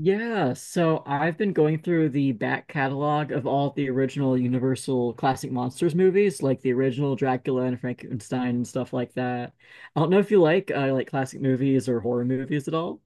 Yeah, so I've been going through the back catalog of all the original Universal Classic Monsters movies, like the original Dracula and Frankenstein and stuff like that. I don't know if you like classic movies or horror movies at all.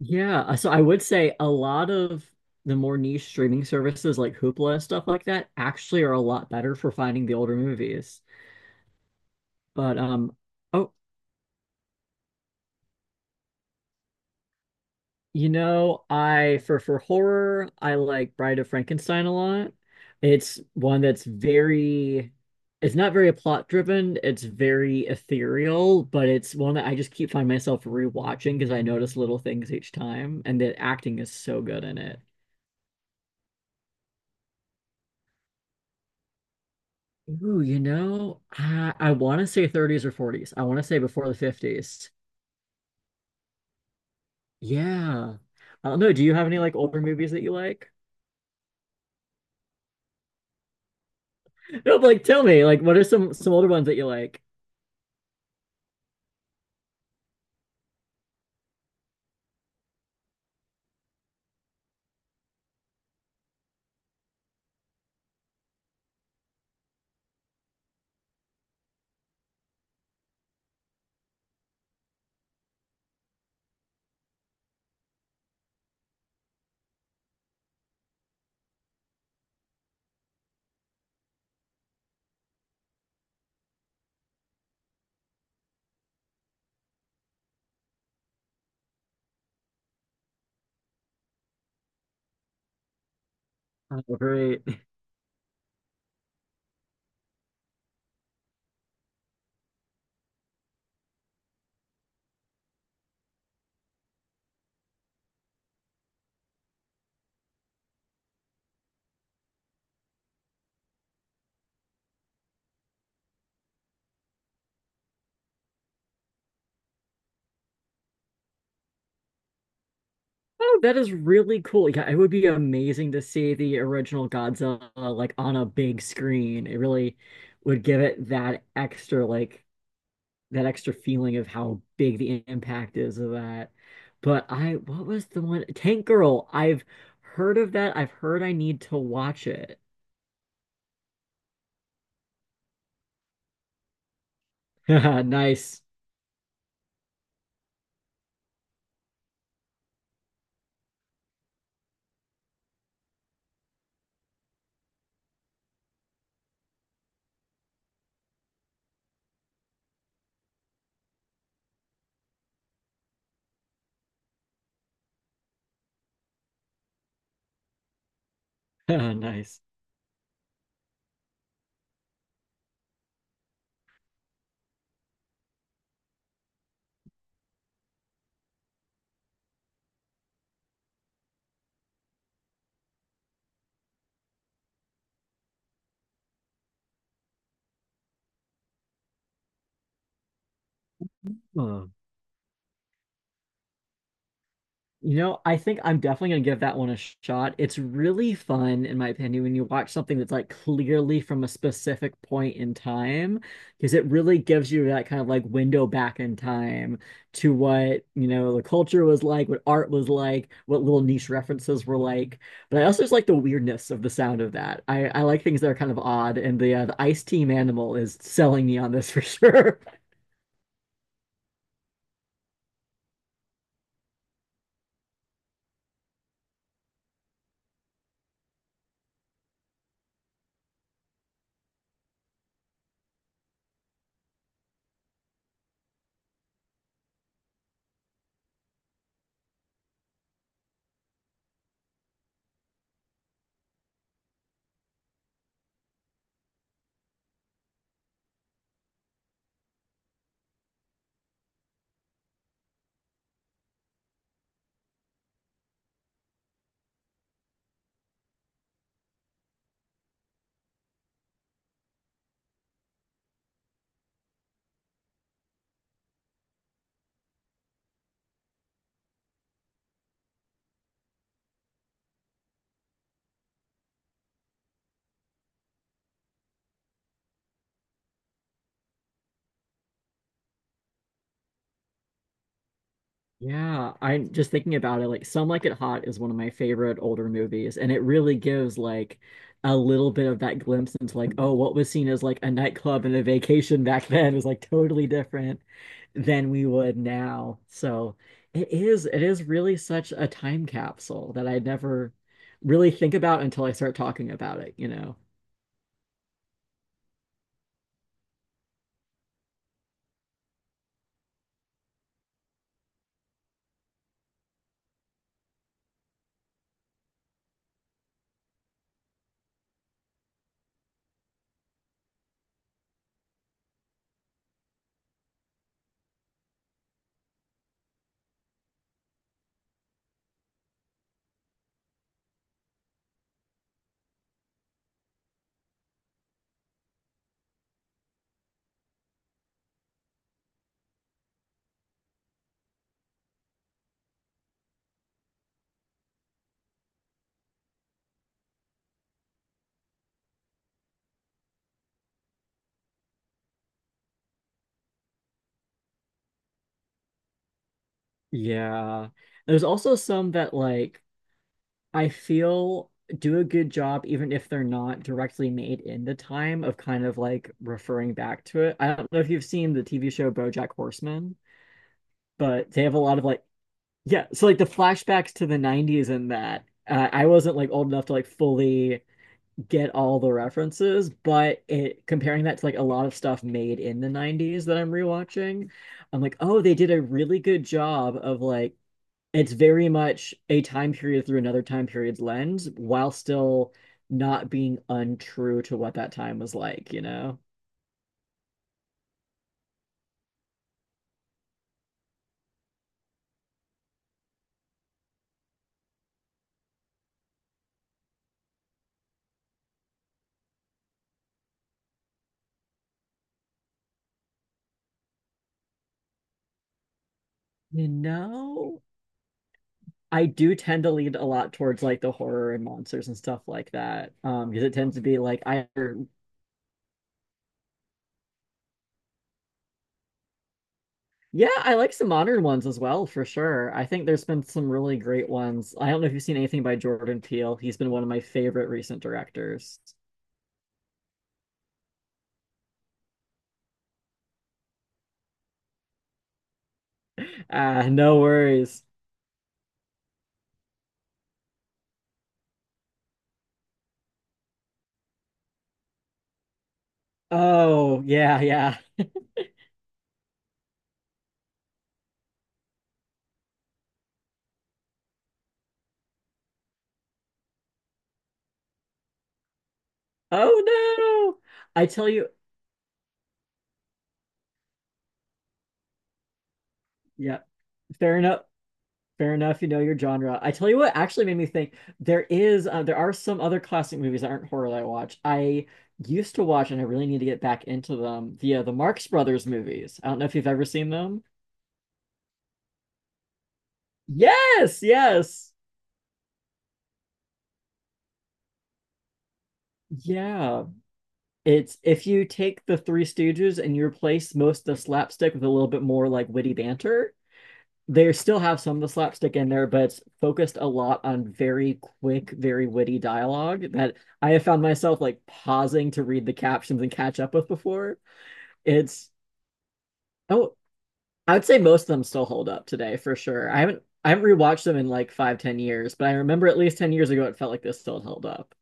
Yeah, so I would say a lot of the more niche streaming services like Hoopla and stuff like that actually are a lot better for finding the older movies. But um, oh, You know, I for horror, I like Bride of Frankenstein a lot. It's one that's very it's not very plot driven, it's very ethereal, but it's one that I just keep finding myself rewatching because I notice little things each time and the acting is so good in it. You know, I want to say 30s or 40s. I want to say before the 50s. Yeah. I don't know. Do you have any like older movies that you like? No, but, like tell me, like what are some older ones that you like? Oh, great. Oh, that is really cool. Yeah, it would be amazing to see the original Godzilla like on a big screen. It really would give it that extra like that extra feeling of how big the impact is of that. But I, what was the one? Tank Girl. I've heard of that. I've heard I need to watch it. Nice. Nice. Oh. You know, I think I'm definitely going to give that one a shot. It's really fun, in my opinion, when you watch something that's like clearly from a specific point in time, because it really gives you that kind of like window back in time to what, you know, the culture was like, what art was like, what little niche references were like. But I also just like the weirdness of the sound of that. I like things that are kind of odd, and the Ice Team Animal is selling me on this for sure. Yeah, I'm just thinking about it. Like, Some Like It Hot is one of my favorite older movies, and it really gives like a little bit of that glimpse into like, oh, what was seen as like a nightclub and a vacation back then was like totally different than we would now. So it is really such a time capsule that I never really think about until I start talking about it, you know? Yeah. There's also some that like I feel do a good job, even if they're not directly made in the time of kind of like referring back to it. I don't know if you've seen the TV show BoJack Horseman, but they have a lot of like, yeah, so like the flashbacks to the 90s in that. I wasn't like old enough to like fully get all the references, but it comparing that to like a lot of stuff made in the 90s that I'm rewatching, I'm like, oh, they did a really good job of like it's very much a time period through another time period's lens while still not being untrue to what that time was like, you know? You know? I do tend to lean a lot towards like the horror and monsters and stuff like that. Because it tends to be like I yeah, I like some modern ones as well for sure. I think there's been some really great ones. I don't know if you've seen anything by Jordan Peele. He's been one of my favorite recent directors. Ah, no worries. Oh, yeah, yeah. Oh no! I tell you, yeah, fair enough. Fair enough. You know your genre. I tell you what actually made me think there is there are some other classic movies that aren't horror that I watch. I used to watch, and I really need to get back into them. The Marx Brothers movies. I don't know if you've ever seen them. Yes, yes. Yeah. It's if you take the Three Stooges and you replace most of the slapstick with a little bit more like witty banter, they still have some of the slapstick in there, but it's focused a lot on very quick, very witty dialogue that I have found myself like pausing to read the captions and catch up with before. It's oh, I would say most of them still hold up today for sure. I haven't rewatched them in like five, 10 years, but I remember at least 10 years ago it felt like this still held up.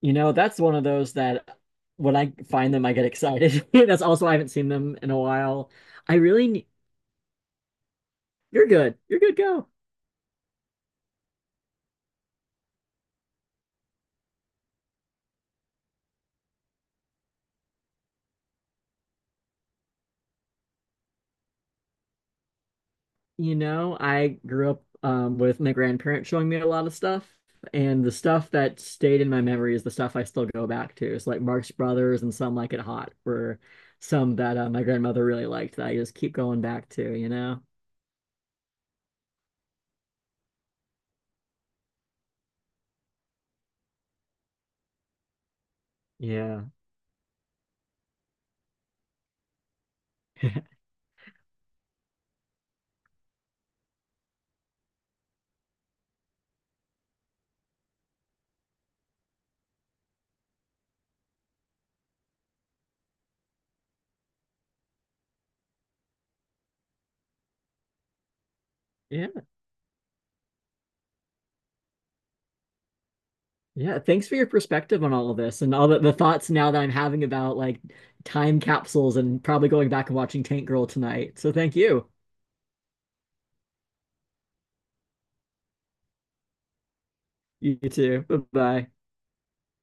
You know, that's one of those that when I find them I get excited. that's also I haven't seen them in a while. I really ne- you're good. You're good. Go. You know, I grew up with my grandparents showing me a lot of stuff, and the stuff that stayed in my memory is the stuff I still go back to. It's like Marx Brothers and Some Like It Hot were some that my grandmother really liked that I just keep going back to, you know? Yeah. Yeah. Yeah. Thanks for your perspective on all of this and all the thoughts now that I'm having about like time capsules and probably going back and watching Tank Girl tonight. So thank you. You too. Bye-bye.